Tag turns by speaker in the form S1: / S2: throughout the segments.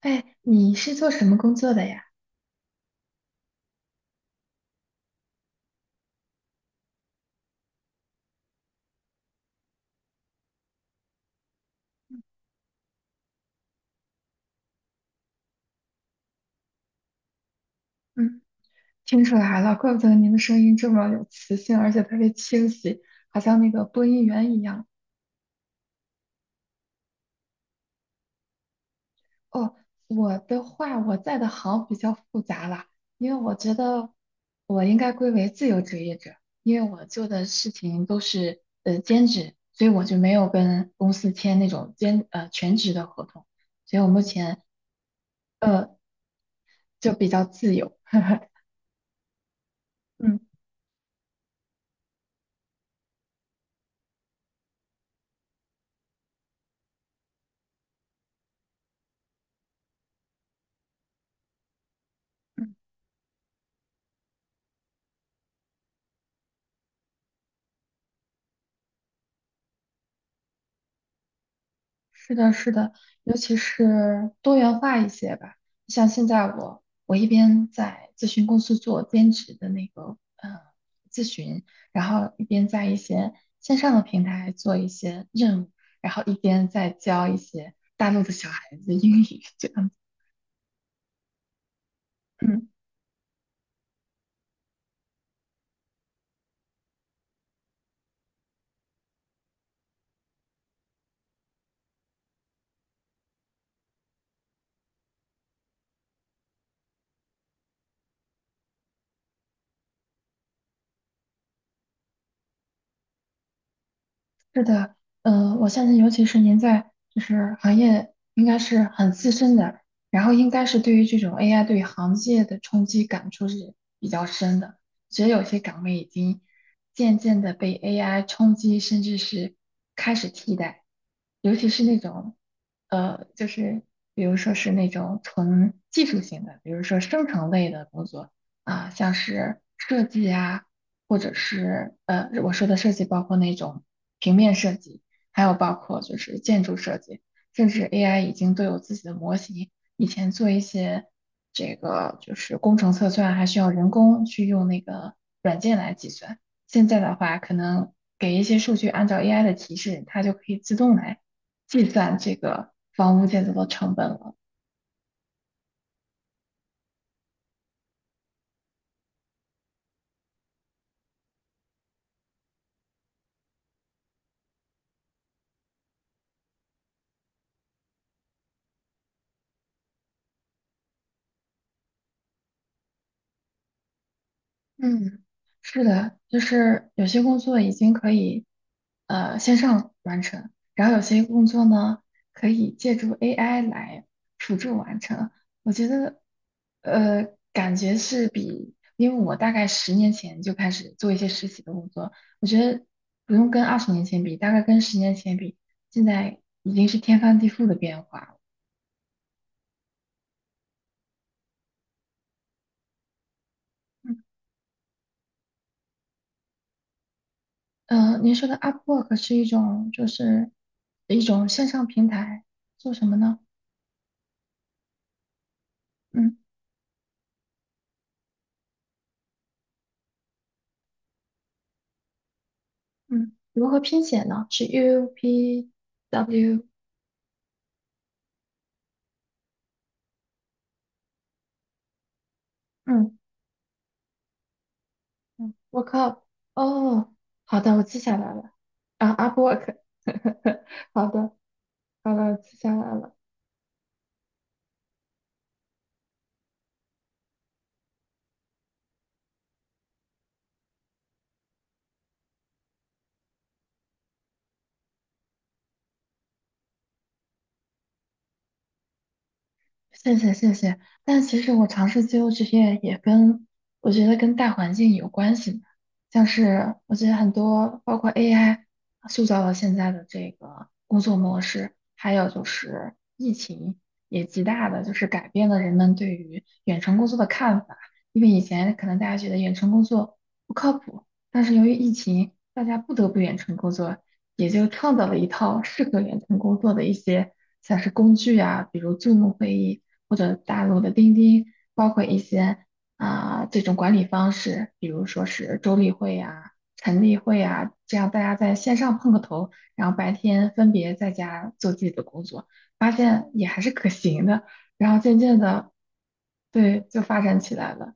S1: 哎，你是做什么工作的呀？嗯，听出来了，怪不得您的声音这么有磁性，而且特别清晰，好像那个播音员一样。哦，我的话，我在的行比较复杂啦，因为我觉得我应该归为自由职业者，因为我做的事情都是兼职，所以我就没有跟公司签那种全职的合同，所以我目前呃就比较自由。嗯，是的，是的，尤其是多元化一些吧。像现在我一边在咨询公司做兼职的那个咨询，然后一边在一些线上的平台做一些任务，然后一边在教一些大陆的小孩子英语，这样子。嗯，是的，我相信，尤其是您在就是行业应该是很资深的，然后应该是对于这种 AI 对行业的冲击感触是比较深的。其实有些岗位已经渐渐的被 AI 冲击，甚至是开始替代，尤其是那种就是比如说是那种纯技术型的，比如说生成类的工作啊，像是设计啊。或者是我说的设计包括那种平面设计，还有包括就是建筑设计，甚至 AI 已经都有自己的模型。以前做一些这个就是工程测算，还需要人工去用那个软件来计算。现在的话，可能给一些数据，按照 AI 的提示，它就可以自动来计算这个房屋建造的成本了。嗯，是的，就是有些工作已经可以线上完成，然后有些工作呢可以借助 AI 来辅助完成。我觉得呃感觉是比，因为我大概十年前就开始做一些实习的工作，我觉得不用跟20年前比，大概跟十年前比，现在已经是天翻地覆的变化了。嗯，您说的 Upwork 是一种线上平台，做什么呢？嗯嗯，如何拼写呢？是 U P W，嗯嗯，work up。哦，好的，我记下来了。啊，up work。好的，好了，记下来了。谢谢谢谢，但其实我尝试自由职业也跟我觉得跟大环境有关系嘛，像是我觉得很多包括 AI 塑造了现在的这个工作模式，还有就是疫情也极大的就是改变了人们对于远程工作的看法，因为以前可能大家觉得远程工作不靠谱，但是由于疫情，大家不得不远程工作，也就创造了一套适合远程工作的一些像是工具啊，比如 Zoom 会议或者大陆的钉钉，包括一些啊、这种管理方式，比如说是周例会呀、晨例会啊，这样大家在线上碰个头，然后白天分别在家做自己的工作，发现也还是可行的，然后渐渐的，对，就发展起来了。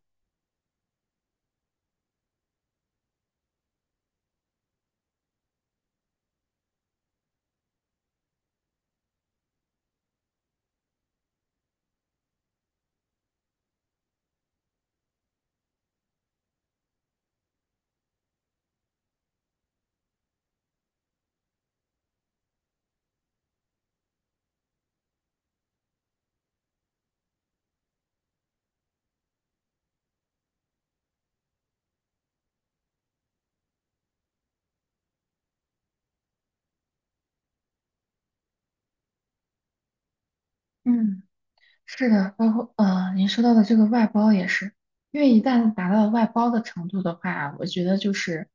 S1: 嗯。是的，包括您说到的这个外包也是，因为一旦达到外包的程度的话，我觉得就是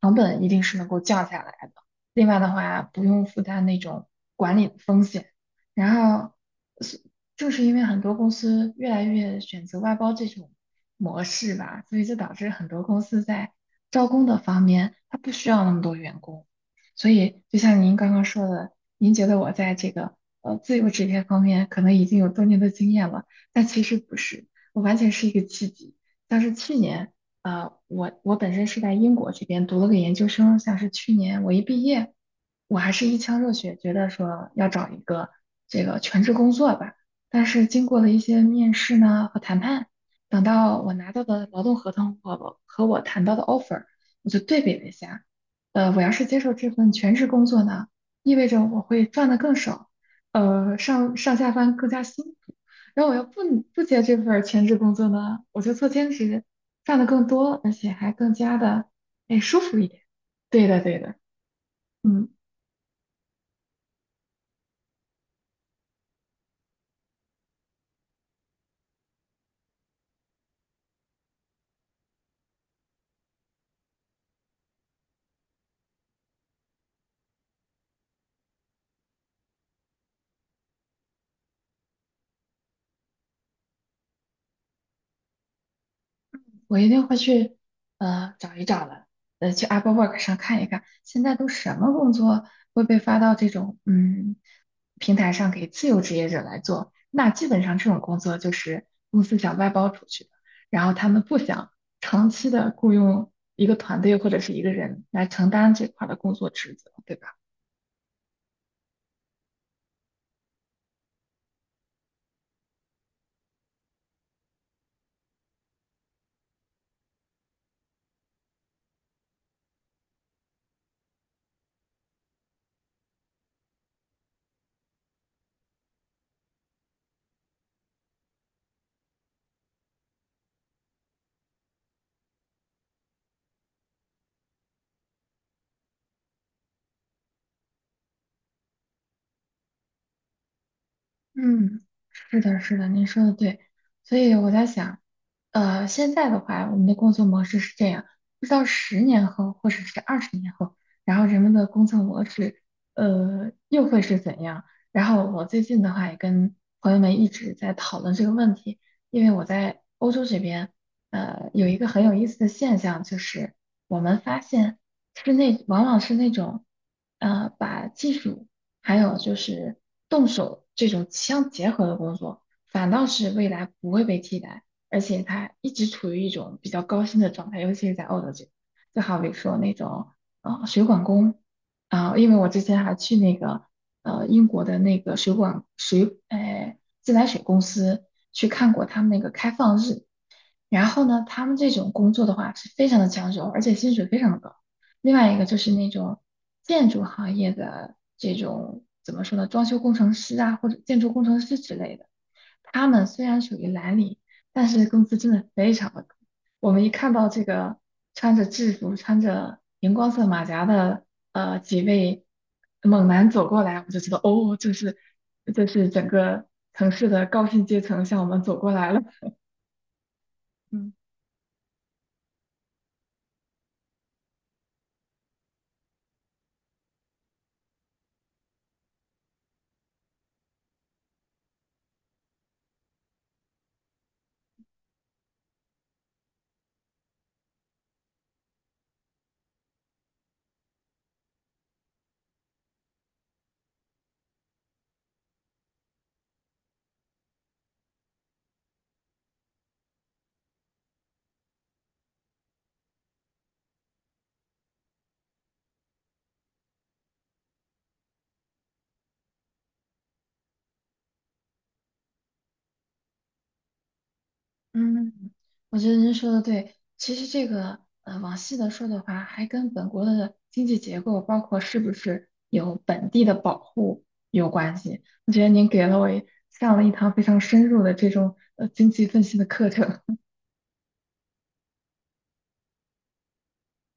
S1: 成本一定是能够降下来的。另外的话，不用负担那种管理的风险。然后，是正是因为很多公司越来越选择外包这种模式吧，所以就导致很多公司在招工的方面，它不需要那么多员工。所以，就像您刚刚说的，您觉得我在这个自由职业方面可能已经有多年的经验了，但其实不是，我完全是一个契机。像是去年。我本身是在英国这边读了个研究生，像是去年我一毕业，我还是一腔热血，觉得说要找一个这个全职工作吧。但是经过了一些面试呢和谈判，等到我拿到的劳动合同和我谈到的 offer，我就对比了一下，我要是接受这份全职工作呢，意味着我会赚的更少，上上下班更加辛苦。然后我要不接这份儿全职工作呢，我就做兼职，赚的更多，而且还更加的哎舒服一点。对的，对的，嗯，我一定会去找一找的，去 Apple Work 上看一看，现在都什么工作会被发到这种平台上给自由职业者来做？那基本上这种工作就是公司想外包出去的，然后他们不想长期的雇佣一个团队或者是一个人来承担这块儿的工作职责，对吧？嗯，是的，是的，您说的对，所以我在想，现在的话，我们的工作模式是这样，不知道十年后或者是20年后，然后人们的工作模式，又会是怎样？然后我最近的话也跟朋友们一直在讨论这个问题，因为我在欧洲这边，有一个很有意思的现象，就是我们发现往往是那种，把技术。还有就是动手这种相结合的工作，反倒是未来不会被替代，而且它一直处于一种比较高薪的状态，尤其是在澳洲这边。就好比说那种水管工啊、因为我之前还去那个英国的那个水管自来水公司去看过他们那个开放日，然后呢，他们这种工作的话是非常的抢手，而且薪水非常的高。另外一个就是那种建筑行业的这种怎么说呢，装修工程师啊，或者建筑工程师之类的，他们虽然属于蓝领，但是工资真的非常的高。我们一看到这个穿着制服、穿着荧光色马甲的几位猛男走过来，我就知道哦，这是整个城市的高薪阶层向我们走过来了。嗯嗯，我觉得您说的对。其实这个，往细的说的话，还跟本国的经济结构，包括是不是有本地的保护有关系。我觉得您给了我一上了一堂非常深入的这种经济分析的课程。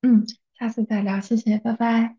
S1: 嗯，下次再聊，谢谢，拜拜。